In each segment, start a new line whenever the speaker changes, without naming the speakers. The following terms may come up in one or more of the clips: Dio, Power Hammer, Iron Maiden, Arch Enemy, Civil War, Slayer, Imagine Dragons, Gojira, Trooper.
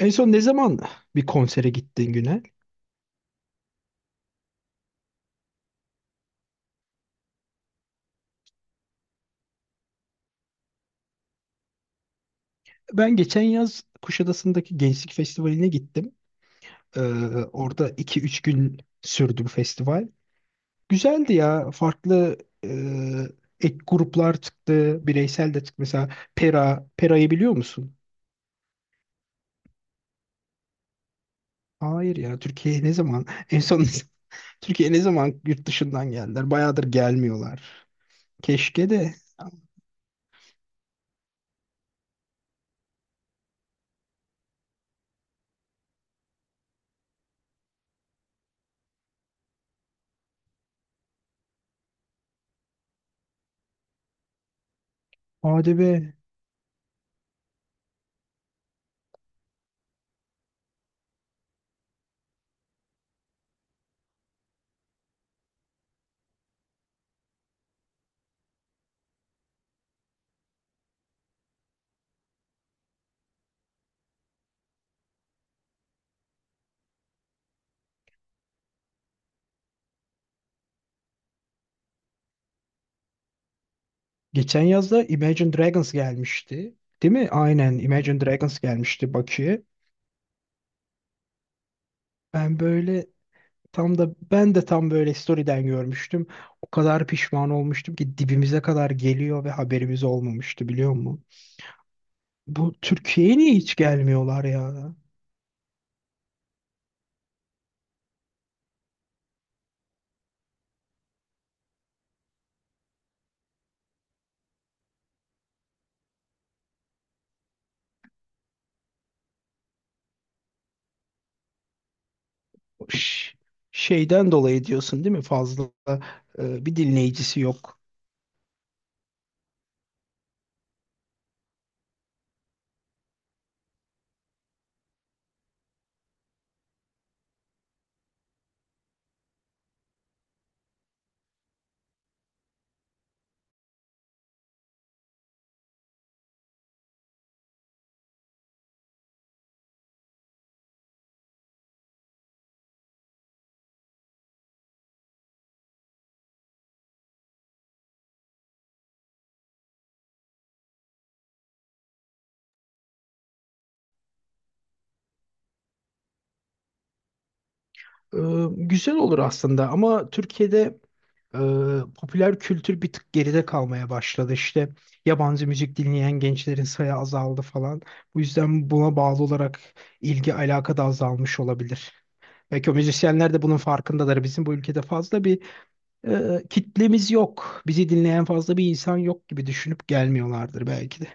En son ne zaman bir konsere gittin Günel? Ben geçen yaz Kuşadası'ndaki Gençlik Festivali'ne gittim. Ee, Orada 2-3 gün sürdü bu festival. Güzeldi ya. Farklı e, ek gruplar çıktı. Bireysel de çıktı. Mesela Pera. Pera'yı biliyor musun? Hayır ya. Türkiye'ye ne zaman? En son Türkiye'ye ne zaman yurt dışından geldiler? Bayağıdır gelmiyorlar. Keşke de hadi be. Geçen yazda Imagine Dragons gelmişti. Değil mi? Aynen Imagine Dragons gelmişti Bakü'ye. Ben böyle Ben de tam böyle story'den görmüştüm. O kadar pişman olmuştum ki dibimize kadar geliyor ve haberimiz olmamıştı biliyor musun? Bu Türkiye'ye niye hiç gelmiyorlar ya? Ş- Şeyden dolayı diyorsun değil mi? Fazla bir dinleyicisi yok. E, Güzel olur aslında ama Türkiye'de e, popüler kültür bir tık geride kalmaya başladı. İşte yabancı müzik dinleyen gençlerin sayı azaldı falan. Bu yüzden buna bağlı olarak ilgi alaka da azalmış olabilir. Belki o müzisyenler de bunun farkındadır. Bizim bu ülkede fazla bir kitlemiz yok. Bizi dinleyen fazla bir insan yok gibi düşünüp gelmiyorlardır belki de.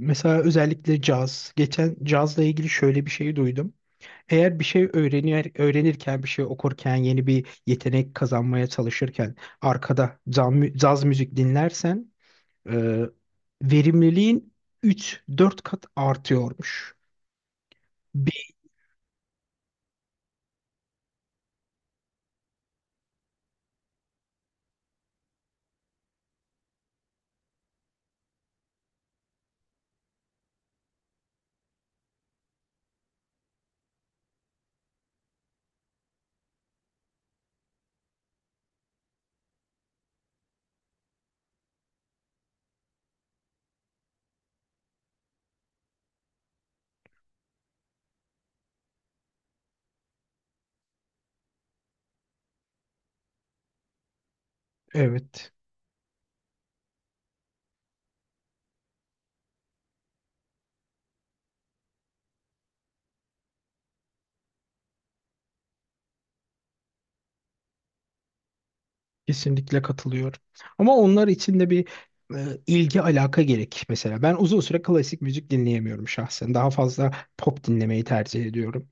Mesela özellikle caz. Geçen cazla ilgili şöyle bir şey duydum. Eğer bir şey öğrenir, öğrenirken, bir şey okurken, yeni bir yetenek kazanmaya çalışırken arkada caz, caz müzik dinlersen e, verimliliğin 3-4 kat artıyormuş. Bir, evet. Kesinlikle katılıyorum. Ama onlar için de bir ilgi alaka gerek mesela. Ben uzun süre klasik müzik dinleyemiyorum şahsen. Daha fazla pop dinlemeyi tercih ediyorum.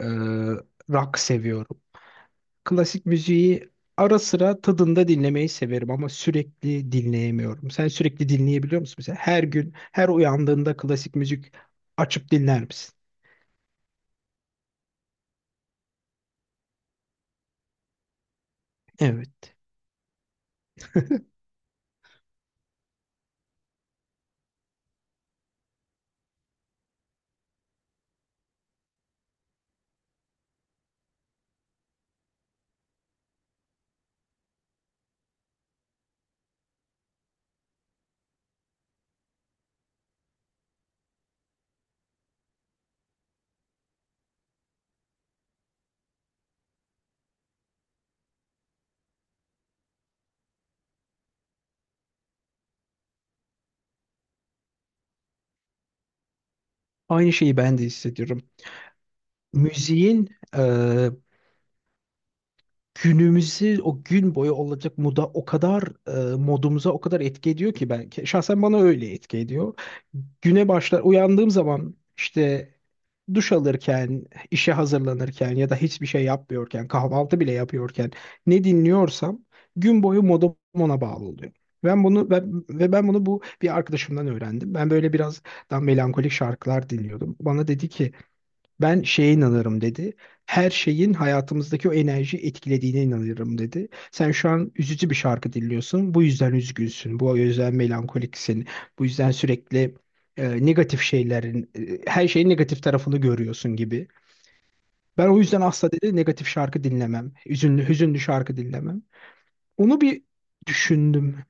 E, Rock seviyorum. Klasik müziği ara sıra tadında dinlemeyi severim ama sürekli dinleyemiyorum. Sen sürekli dinleyebiliyor musun mesela? Her gün, her uyandığında klasik müzik açıp dinler misin? Evet. Aynı şeyi ben de hissediyorum. Müziğin e, günümüzü o gün boyu olacak moda o kadar modumuza o kadar etki ediyor ki ben şahsen bana öyle etki ediyor. Güne başlar uyandığım zaman işte duş alırken, işe hazırlanırken ya da hiçbir şey yapmıyorken, kahvaltı bile yapıyorken ne dinliyorsam gün boyu modum ona bağlı oluyor. Ben bunu ben, ve ben bunu Bu bir arkadaşımdan öğrendim. Ben böyle biraz daha melankolik şarkılar dinliyordum. Bana dedi ki ben şeye inanırım dedi. Her şeyin hayatımızdaki o enerjiyi etkilediğine inanırım dedi. Sen şu an üzücü bir şarkı dinliyorsun. Bu yüzden üzgünsün. Bu yüzden melankoliksin. Bu yüzden sürekli negatif şeylerin, her şeyin negatif tarafını görüyorsun gibi. Ben o yüzden asla dedi negatif şarkı dinlemem. Hüzünlü, hüzünlü şarkı dinlemem. Onu bir düşündüm.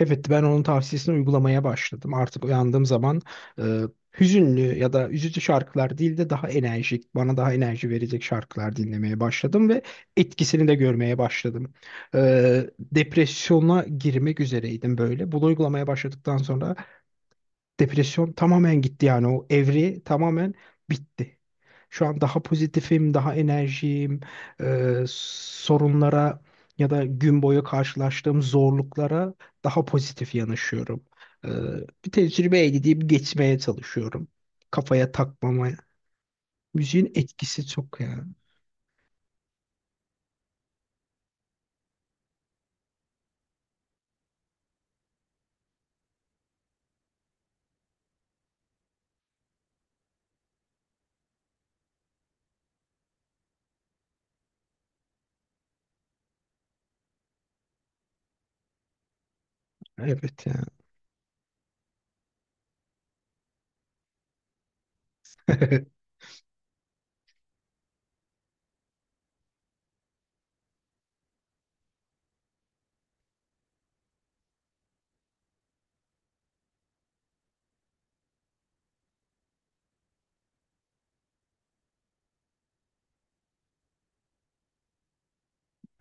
Evet ben onun tavsiyesini uygulamaya başladım. Artık uyandığım zaman e, hüzünlü ya da üzücü şarkılar değil de daha enerjik, bana daha enerji verecek şarkılar dinlemeye başladım ve etkisini de görmeye başladım. E, Depresyona girmek üzereydim böyle. Bunu uygulamaya başladıktan sonra depresyon tamamen gitti yani o evri tamamen bitti. Şu an daha pozitifim, daha enerjiyim. Sorunlara ya da gün boyu karşılaştığım zorluklara daha pozitif yanaşıyorum. Ee, Bir tecrübe elde edip geçmeye çalışıyorum. Kafaya takmamaya. Müziğin etkisi çok ya. Evet ya.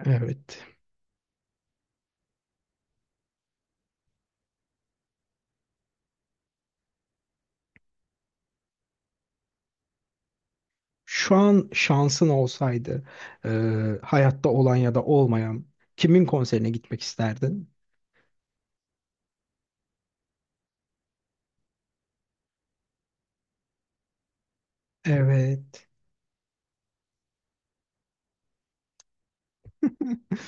Evet. Şu an şansın olsaydı e, hayatta olan ya da olmayan kimin konserine gitmek isterdin? Evet.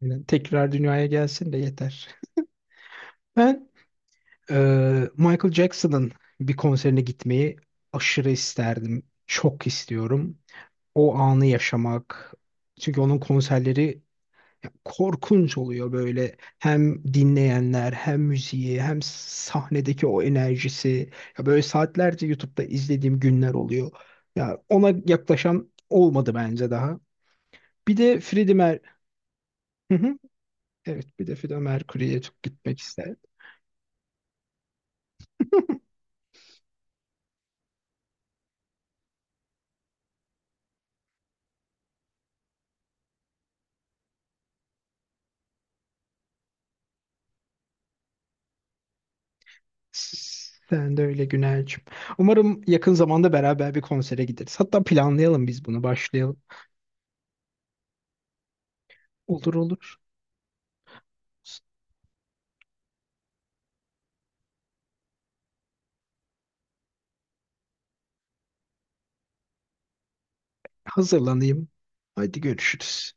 Aynen. Tekrar dünyaya gelsin de yeter. Ben Michael Jackson'ın bir konserine gitmeyi aşırı isterdim. Çok istiyorum. O anı yaşamak. Çünkü onun konserleri ya, korkunç oluyor böyle. Hem dinleyenler, hem müziği, hem sahnedeki o enerjisi. Ya böyle saatlerce YouTube'da izlediğim günler oluyor. Ya ona yaklaşan olmadı bence daha. Bir de Freddie Mer... Hı hı. Evet, bir de Freddie Mercury'ye çok gitmek isterdim. Sen de öyle Güner'cim. Umarım yakın zamanda beraber bir konsere gideriz. Hatta planlayalım biz bunu, başlayalım. Olur olur. Hazırlanayım. Hadi görüşürüz.